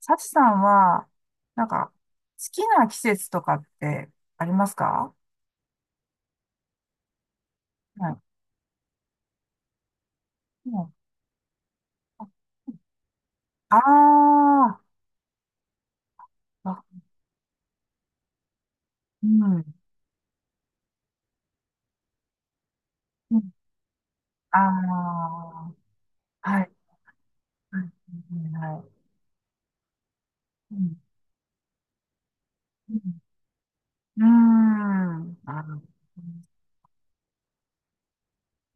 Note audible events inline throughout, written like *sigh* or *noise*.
サチさんは、なんか、好きな季節とかってありますか？はい。うんああー、あ、うん。うんあはい。はい。はい。うん。うん。うーんあー、う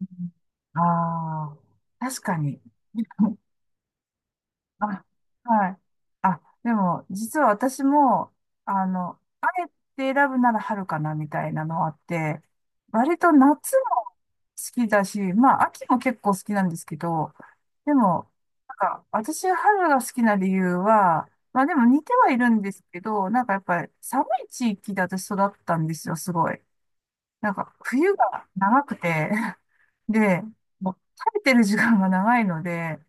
んあ確かに。*laughs* あ、はい。あ、でも、実は私も、あえて選ぶなら春かな、みたいなのあって、割と夏も好きだし、まあ、秋も結構好きなんですけど、でも、私が春が好きな理由は、まあでも似てはいるんですけど、なんかやっぱり寒い地域で私育ったんですよ、すごい。なんか、冬が長くてで、もう食べてる時間が長いので、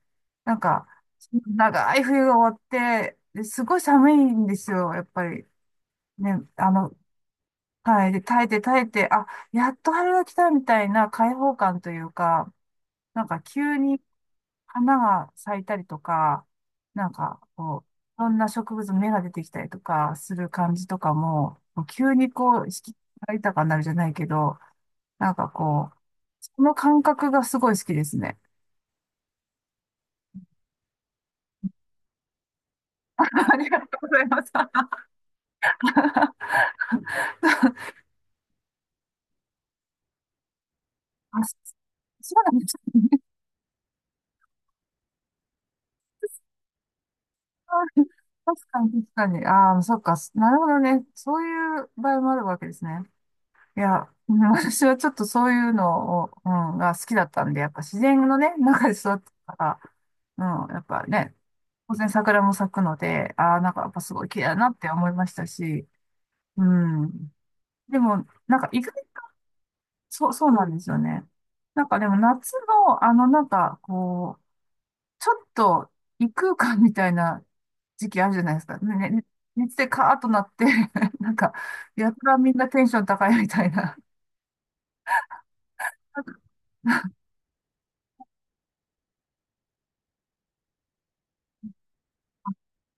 なんか、長い冬が終わって、ですごい寒いんですよ、やっぱり。ね、あの、はい。で、耐えて耐えて、あ、やっと春が来たみたいな開放感というか、なんか急に花が咲いたりとか、なんかこいろんな植物の芽が出てきたりとかする感じとかも、もう急にこう、四季が豊かになるじゃないけど、なんかこう、その感覚がすごい好きですね。ありがとうございます。*laughs* あ、そうなんですね。確かに、確かに。ああ、そっか。なるほどね。そういう場合もあるわけですね。いや、*laughs* うん、私はちょっとそういうのを、うん、が好きだったんで、やっぱ自然のね、中で育ったから、うん、やっぱね、当然桜も咲くので、ああ、なんかやっぱすごい綺麗だなって思いましたし、うん。でも、なんか意外、そう、そうなんですよね。なんかでも夏の、ちょっと異空間みたいな時期あるじゃないですか。ね、ね、熱でカーッとなって *laughs* なんか、やたらみんなテンション高いみたいな。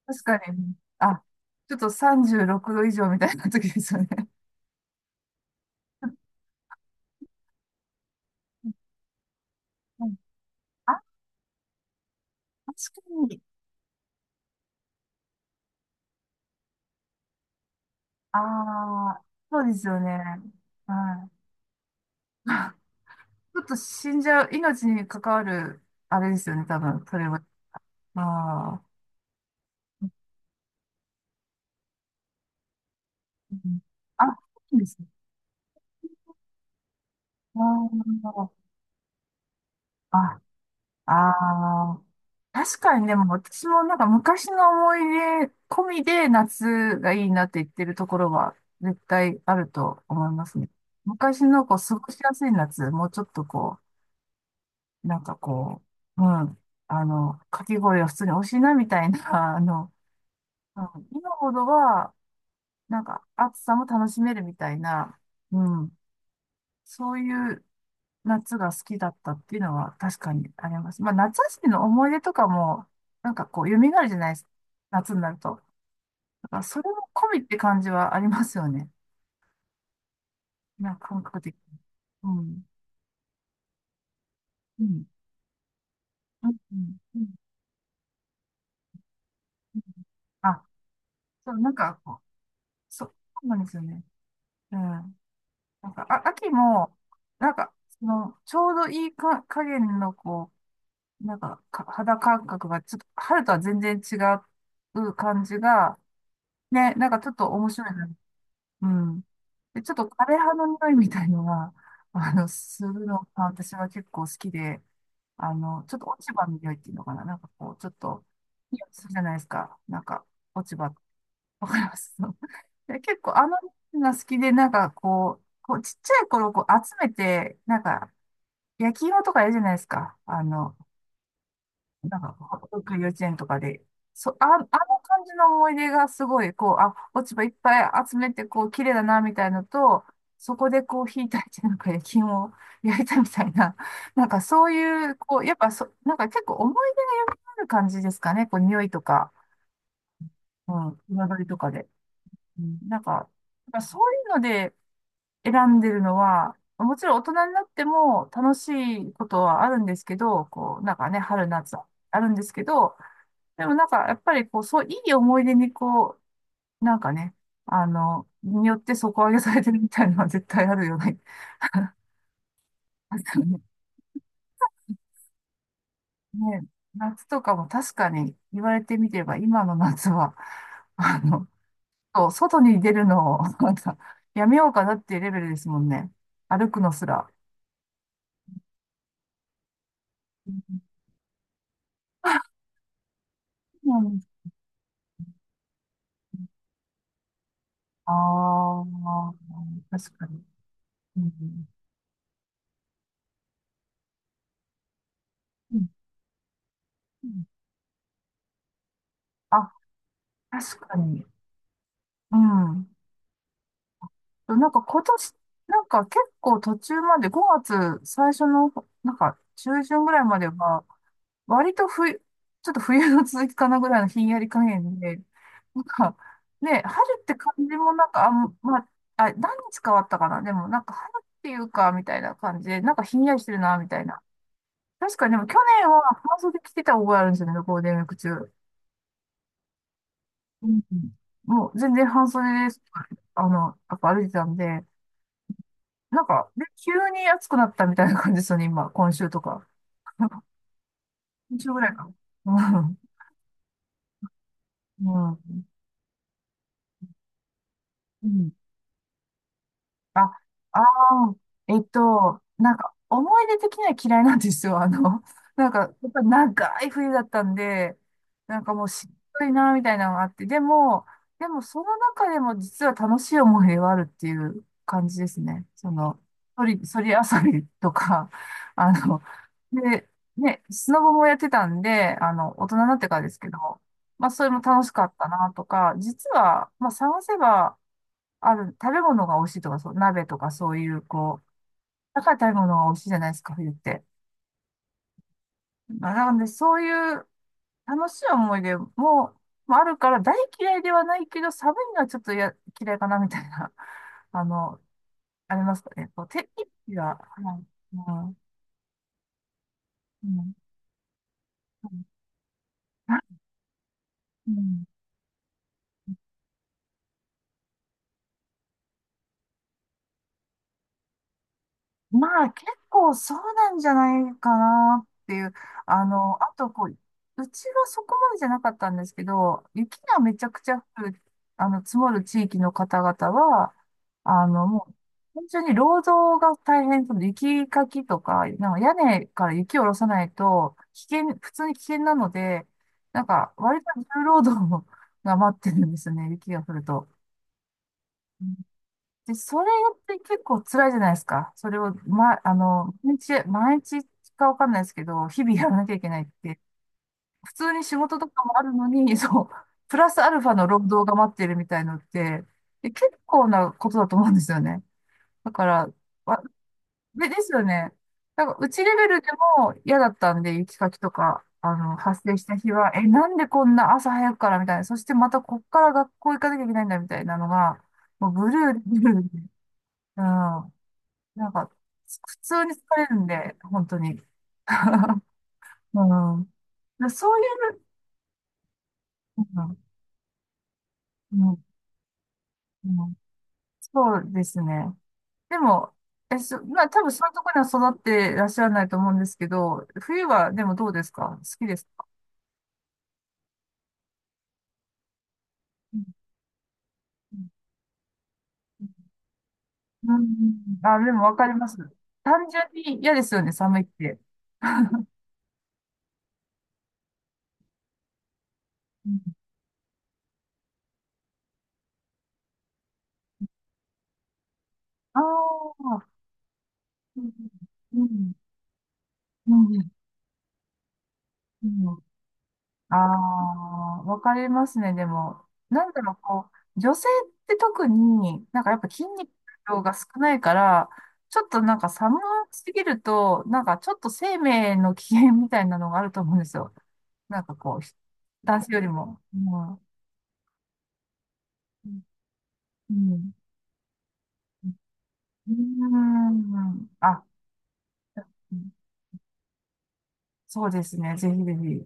確かに。あ、ちょっと36度以上みたいな時ですよね。うん確かに。ああ、そうですよね。はい。ちょっと死んじゃう、命に関わる、あれですよね、多分、それは。ああ。うんあ、そうですね。あーああ、確かにでも私もなんか昔の思い出込みで夏がいいなって言ってるところは絶対あると思いますね。昔のこう過ごしやすい夏、もうちょっとこう、なんかこう、うん、あの、かき氷は普通に美味しいなみたいな、*laughs* あの、うん、今ほどはなんか暑さも楽しめるみたいな、うん、そういう夏が好きだったっていうのは確かにあります。まあ、夏休みの思い出とかも、なんかこう、蘇るじゃないですか。夏になると。だからそれも込みって感じはありますよね。なんか感覚的に。うん。うん。うん。うんうん、あ、そう、なんかこう、そうそうなんですよね。うん。なんか、あ、秋も、なんか、その、ちょうどいいか、加減の、肌感覚が、ちょっと、春とは全然違う感じが、ね、なんかちょっと面白いな。うん。で、ちょっと枯葉の匂いみたいのが、*laughs* あの、するのが私は結構好きで、あの、ちょっと落ち葉の匂いっていうのかな。なんかこう、ちょっと、匂いするじゃないですか。なんか、落ち葉、わかります。 *laughs* で、結構あの匂いが好きで、なんかこう、こうちっちゃい頃こう集めて、なんか、焼き芋とかやるじゃないですか。あの、なんか、保育幼稚園とかで、そ、あ、あの感じの思い出がすごい、こう、あ、落ち葉いっぱい集めて、こう、綺麗だな、みたいのと、そこでこう、火炊いて、なんか焼き芋を焼いたみたいな、なんかそういう、こう、やっぱそ、なんか結構思い出がよくある感じですかね、こう、匂いとか、うん、彩りとかで。うん、なんか、やっぱそういうので選んでるのは、もちろん大人になっても楽しいことはあるんですけど、こう、なんかね、春夏あるんですけど、でもなんか、やっぱりこう、そう、いい思い出にこう、なんかね、あの、によって底上げされてるみたいなのは絶対あるよね。*laughs* ね、夏とかも確かに言われてみれば、今の夏は、あの、そう外に出るのを、*laughs* なんか、やめようかなっていうレベルですもんね。歩くのすら。あああ、確かに。うんうんうん、あ、確かに。うん。なんか今年、なんか結構途中まで、5月最初の、なんか中旬ぐらいまでは、割と冬、ちょっと冬の続きかなぐらいのひんやり加減で、なんかね、春って感じもなんか、あん、まあ、あ、何日変わったかな、でもなんか春っていうか、みたいな感じで、なんかひんやりしてるな、みたいな。確かにでも去年は半袖着てた覚えあるんですよね、ゴールデンウィーク中。うん、うん、もう全然半袖で、あの、やっぱ歩いてたんで、なんか、で、急に暑くなったみたいな感じですよね、今、今週とか。今週ぐらいかな。うん。うん。うんあ、ああ、えっと、なんか、思い出的には嫌いなんですよ。*laughs* あの、なんか、やっぱり長い冬だったんで、なんかもうしんどいな、みたいなのがあって、でも、でもその中でも実は楽しい思い出はあるっていう感じですね。その、そり、そり遊びとか、*laughs* あの、で、ね、スノボもやってたんで、あの、大人になってからですけど、まあ、それも楽しかったな、とか、実は、まあ、探せば、ある、食べ物が美味しいとか、そう、鍋とかそういう、こう、高い食べ物が美味しいじゃないですか、冬って。まあ、なので、そういう楽しい思い出も、まあ、あるから、大嫌いではないけど、寒いのはちょっとや嫌いかな、みたいな、*laughs* あの、ありますかね。こう、天気が、はい、うん、うん、うん。まあ結構そうなんじゃないかなっていう。あの、あとこう、うちはそこまでじゃなかったんですけど、雪がめちゃくちゃ降る、あの、積もる地域の方々は、あの、もう、本当に労働が大変、その雪かきとか、なんか屋根から雪を下ろさないと、危険、普通に危険なので、なんか、割と重労働が待ってるんですよね、雪が降ると。で、それって結構辛いじゃないですか。それを、ま、あの、毎日かわかんないですけど、日々やらなきゃいけないって、普通に仕事とかもあるのに、*laughs* そう、プラスアルファの労働が待ってるみたいのって、で、結構なことだと思うんですよね。だから、わで、ですよね。なんか、うちレベルでも嫌だったんで、雪かきとか、あの、発生した日は、え、なんでこんな朝早くからみたいな、そしてまたこっから学校行かなきゃいけないんだみたいなのが、もうブルーで、うん。なんか、普通に疲れるんで、本当に。*laughs* うん。だからそういう、うん、うん、うん、そうですね。でも、え、そ、まあ多分そういうところには育っていらっしゃらないと思うんですけど、冬はでもどうですか、好きですか？うん、うんうん、あ、でもわかります。単純に嫌ですよね、寒いって。うん、ああ、うん、うん、うん、うん。ああ、わかりますね。でも、なんだろう、こう、女性って特に、なんかやっぱ筋肉量が少ないから、ちょっとなんか寒すぎると、なんかちょっと生命の危険みたいなのがあると思うんですよ。なんかこう、男性よりも。うん。うん。うん。うんあ、うん、そうですね。ぜひぜひ。